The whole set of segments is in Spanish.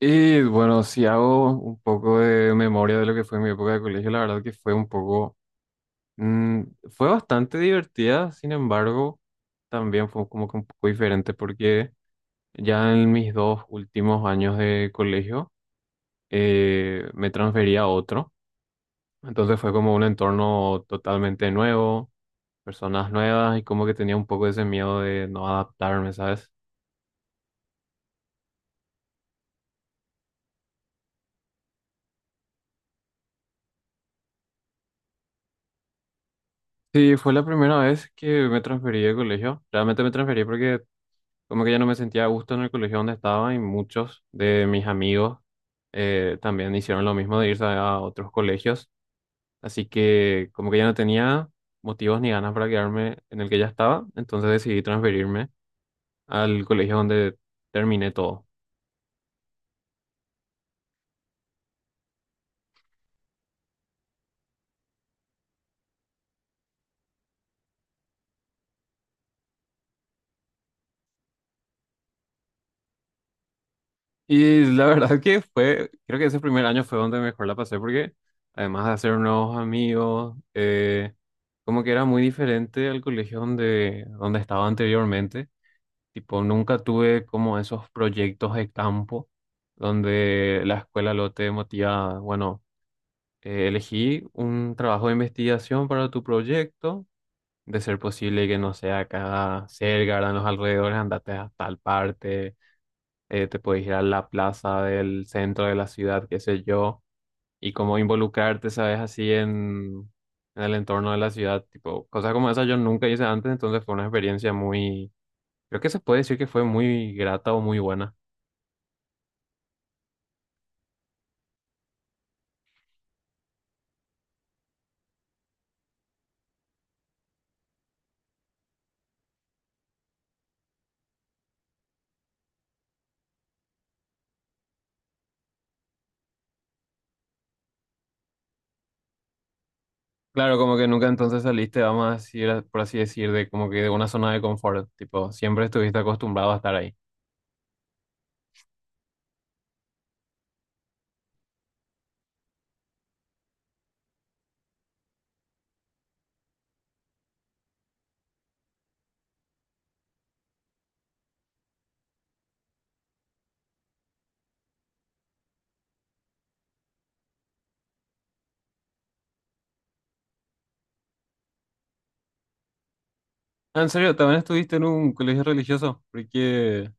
Y bueno, si hago un poco de memoria de lo que fue mi época de colegio, la verdad que fue un poco, mm, fue bastante divertida. Sin embargo, también fue como que un poco diferente porque ya en mis dos últimos años de colegio me transferí a otro. Entonces fue como un entorno totalmente nuevo, personas nuevas, y como que tenía un poco ese miedo de no adaptarme, ¿sabes? Sí, fue la primera vez que me transferí de colegio. Realmente me transferí porque Como que ya no me sentía a gusto en el colegio donde estaba, y muchos de mis amigos también hicieron lo mismo de irse a otros colegios. Así que como que ya no tenía motivos ni ganas para quedarme en el que ya estaba, entonces decidí transferirme al colegio donde terminé todo. Y la verdad que creo que ese primer año fue donde mejor la pasé, porque además de hacer nuevos amigos, como que era muy diferente al colegio donde estaba anteriormente. Tipo, nunca tuve como esos proyectos de campo donde la escuela lo te motiva, bueno, elegí un trabajo de investigación para tu proyecto, de ser posible que no sea acá cerca, en los alrededores, andate a tal parte, te puedes ir a la plaza del centro de la ciudad, qué sé yo, y como involucrarte, sabes, así en el entorno de la ciudad. Tipo, cosas como esas yo nunca hice antes, entonces fue una experiencia muy creo que se puede decir que fue muy grata o muy buena. Claro, como que nunca entonces saliste, vamos a decir, por así decir, de como que de una zona de confort, tipo, siempre estuviste acostumbrado a estar ahí. Ah, en serio, también estuviste en un colegio religioso, porque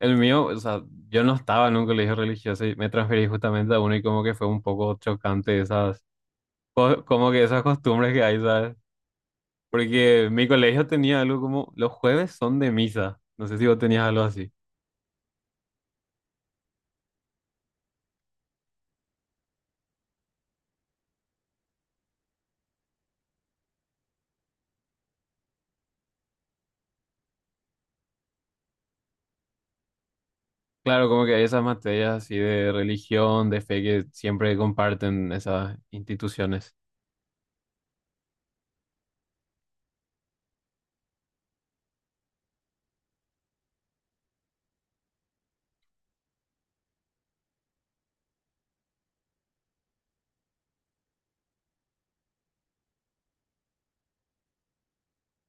el mío, o sea, yo no estaba en un colegio religioso y me transferí justamente a uno, y como que fue un poco chocante como que esas costumbres que hay, ¿sabes? Porque mi colegio tenía algo como, los jueves son de misa, no sé si vos tenías algo así. Claro, como que hay esas materias así de religión, de fe, que siempre comparten esas instituciones.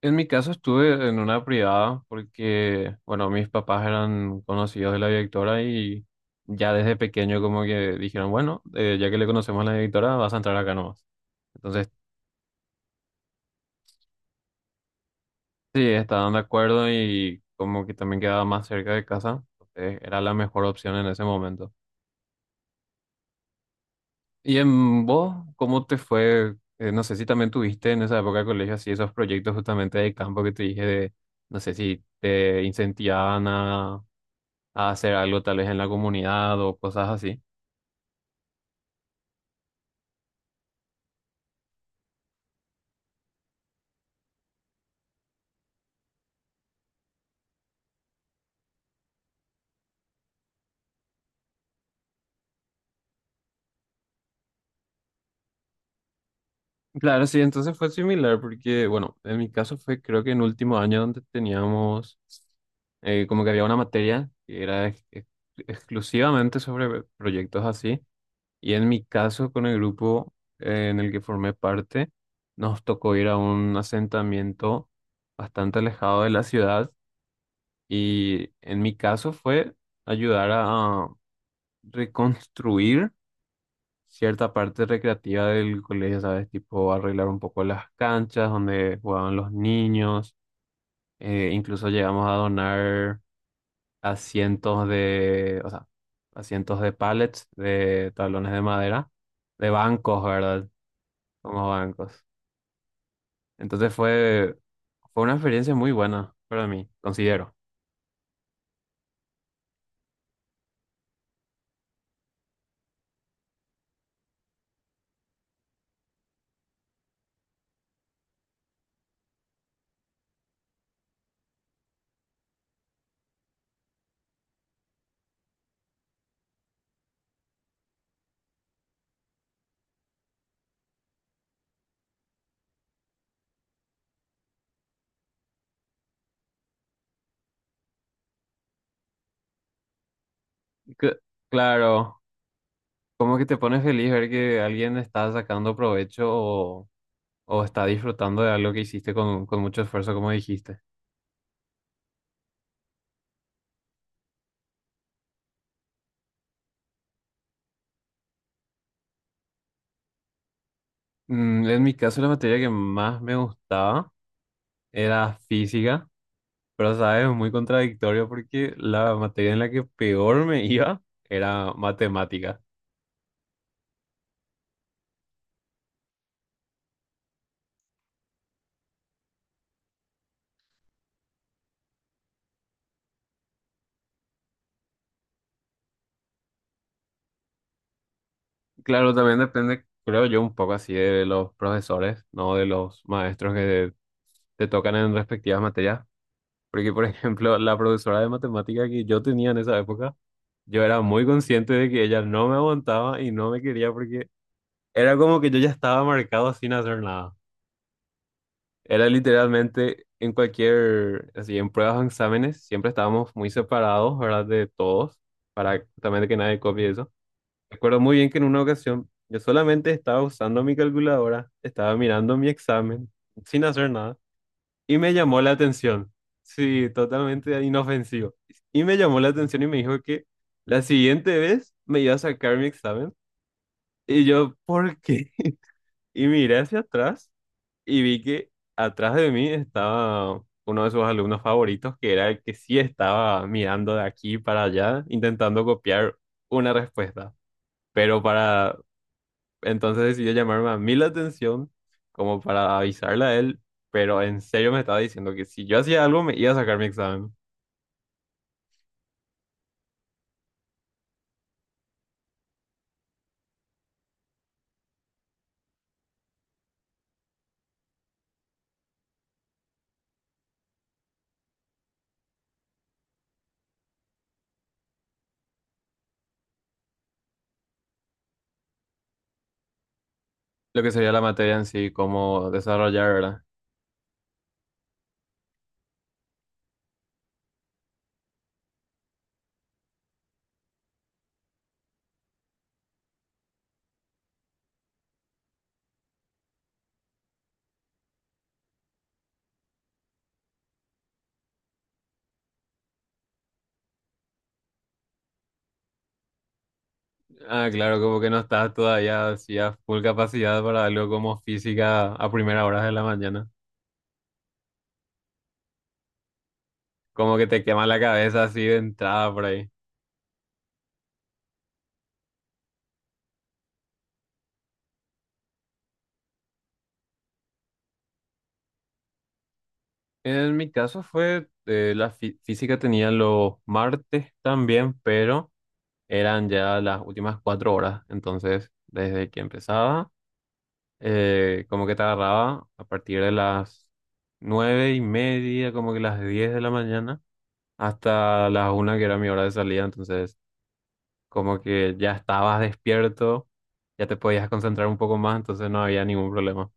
En mi caso estuve en una privada porque, bueno, mis papás eran conocidos de la directora, y ya desde pequeño como que dijeron, bueno, ya que le conocemos a la directora, vas a entrar acá nomás. Entonces, sí, estaban de acuerdo, y como que también quedaba más cerca de casa, entonces era la mejor opción en ese momento. Y en vos, ¿cómo te fue? No sé si también tuviste en esa época de colegio así esos proyectos justamente de campo que te dije de, no sé si te incentivaban a hacer algo tal vez en la comunidad o cosas así. Claro, sí, entonces fue similar porque, bueno, en mi caso fue creo que en último año donde teníamos como que había una materia que era exclusivamente sobre proyectos así. Y en mi caso, con el grupo en el que formé parte, nos tocó ir a un asentamiento bastante alejado de la ciudad, y en mi caso fue ayudar a reconstruir cierta parte recreativa del colegio, ¿sabes? Tipo arreglar un poco las canchas donde jugaban los niños, incluso llegamos a donar asientos de, o sea, asientos de pallets, de tablones de madera, de bancos, ¿verdad? Como bancos. Entonces fue una experiencia muy buena para mí, considero. Cl- claro, como que te pone feliz ver que alguien está sacando provecho, o está disfrutando de algo que hiciste con mucho esfuerzo, como dijiste. En mi caso, la materia que más me gustaba era física, pero sabes, es muy contradictorio porque la materia en la que peor me iba era matemática. Claro, también depende, creo yo, un poco así de los profesores, no de los maestros que te tocan en respectivas materias. Porque, por ejemplo, la profesora de matemática que yo tenía en esa época, yo era muy consciente de que ella no me aguantaba y no me quería, porque era como que yo ya estaba marcado sin hacer nada. Era literalmente en cualquier, así, en pruebas o exámenes, siempre estábamos muy separados, ¿verdad? De todos, para también que nadie copie eso. Recuerdo muy bien que en una ocasión yo solamente estaba usando mi calculadora, estaba mirando mi examen sin hacer nada, y me llamó la atención. Sí, totalmente inofensivo. Y me llamó la atención y me dijo que la siguiente vez me iba a sacar mi examen. Y yo, ¿por qué? Y miré hacia atrás y vi que atrás de mí estaba uno de sus alumnos favoritos, que era el que sí estaba mirando de aquí para allá, intentando copiar una respuesta. Pero para Entonces decidió llamarme a mí la atención como para avisarle a él, pero en serio me estaba diciendo que si yo hacía algo me iba a sacar mi examen. Lo que sería la materia en sí, cómo desarrollar, ¿verdad? Ah, claro, como que no estás todavía así a full capacidad para algo como física a primera hora de la mañana. Como que te quema la cabeza así de entrada por ahí. En mi caso fue, física tenía los martes también, pero eran ya las últimas 4 horas. Entonces, desde que empezaba como que te agarraba a partir de las 9:30, como que las 10 de la mañana, hasta la 1 que era mi hora de salida. Entonces como que ya estabas despierto, ya te podías concentrar un poco más, entonces no había ningún problema.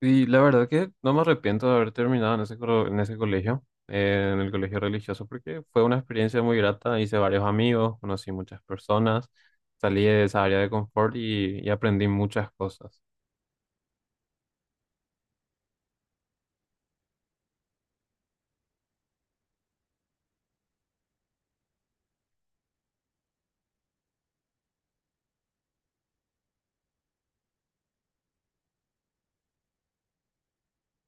Y la verdad que no me arrepiento de haber terminado en en ese colegio, en el colegio religioso, porque fue una experiencia muy grata, hice varios amigos, conocí muchas personas, salí de esa área de confort, y aprendí muchas cosas.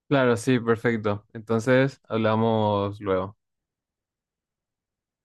Claro, sí, perfecto. Entonces, hablamos luego.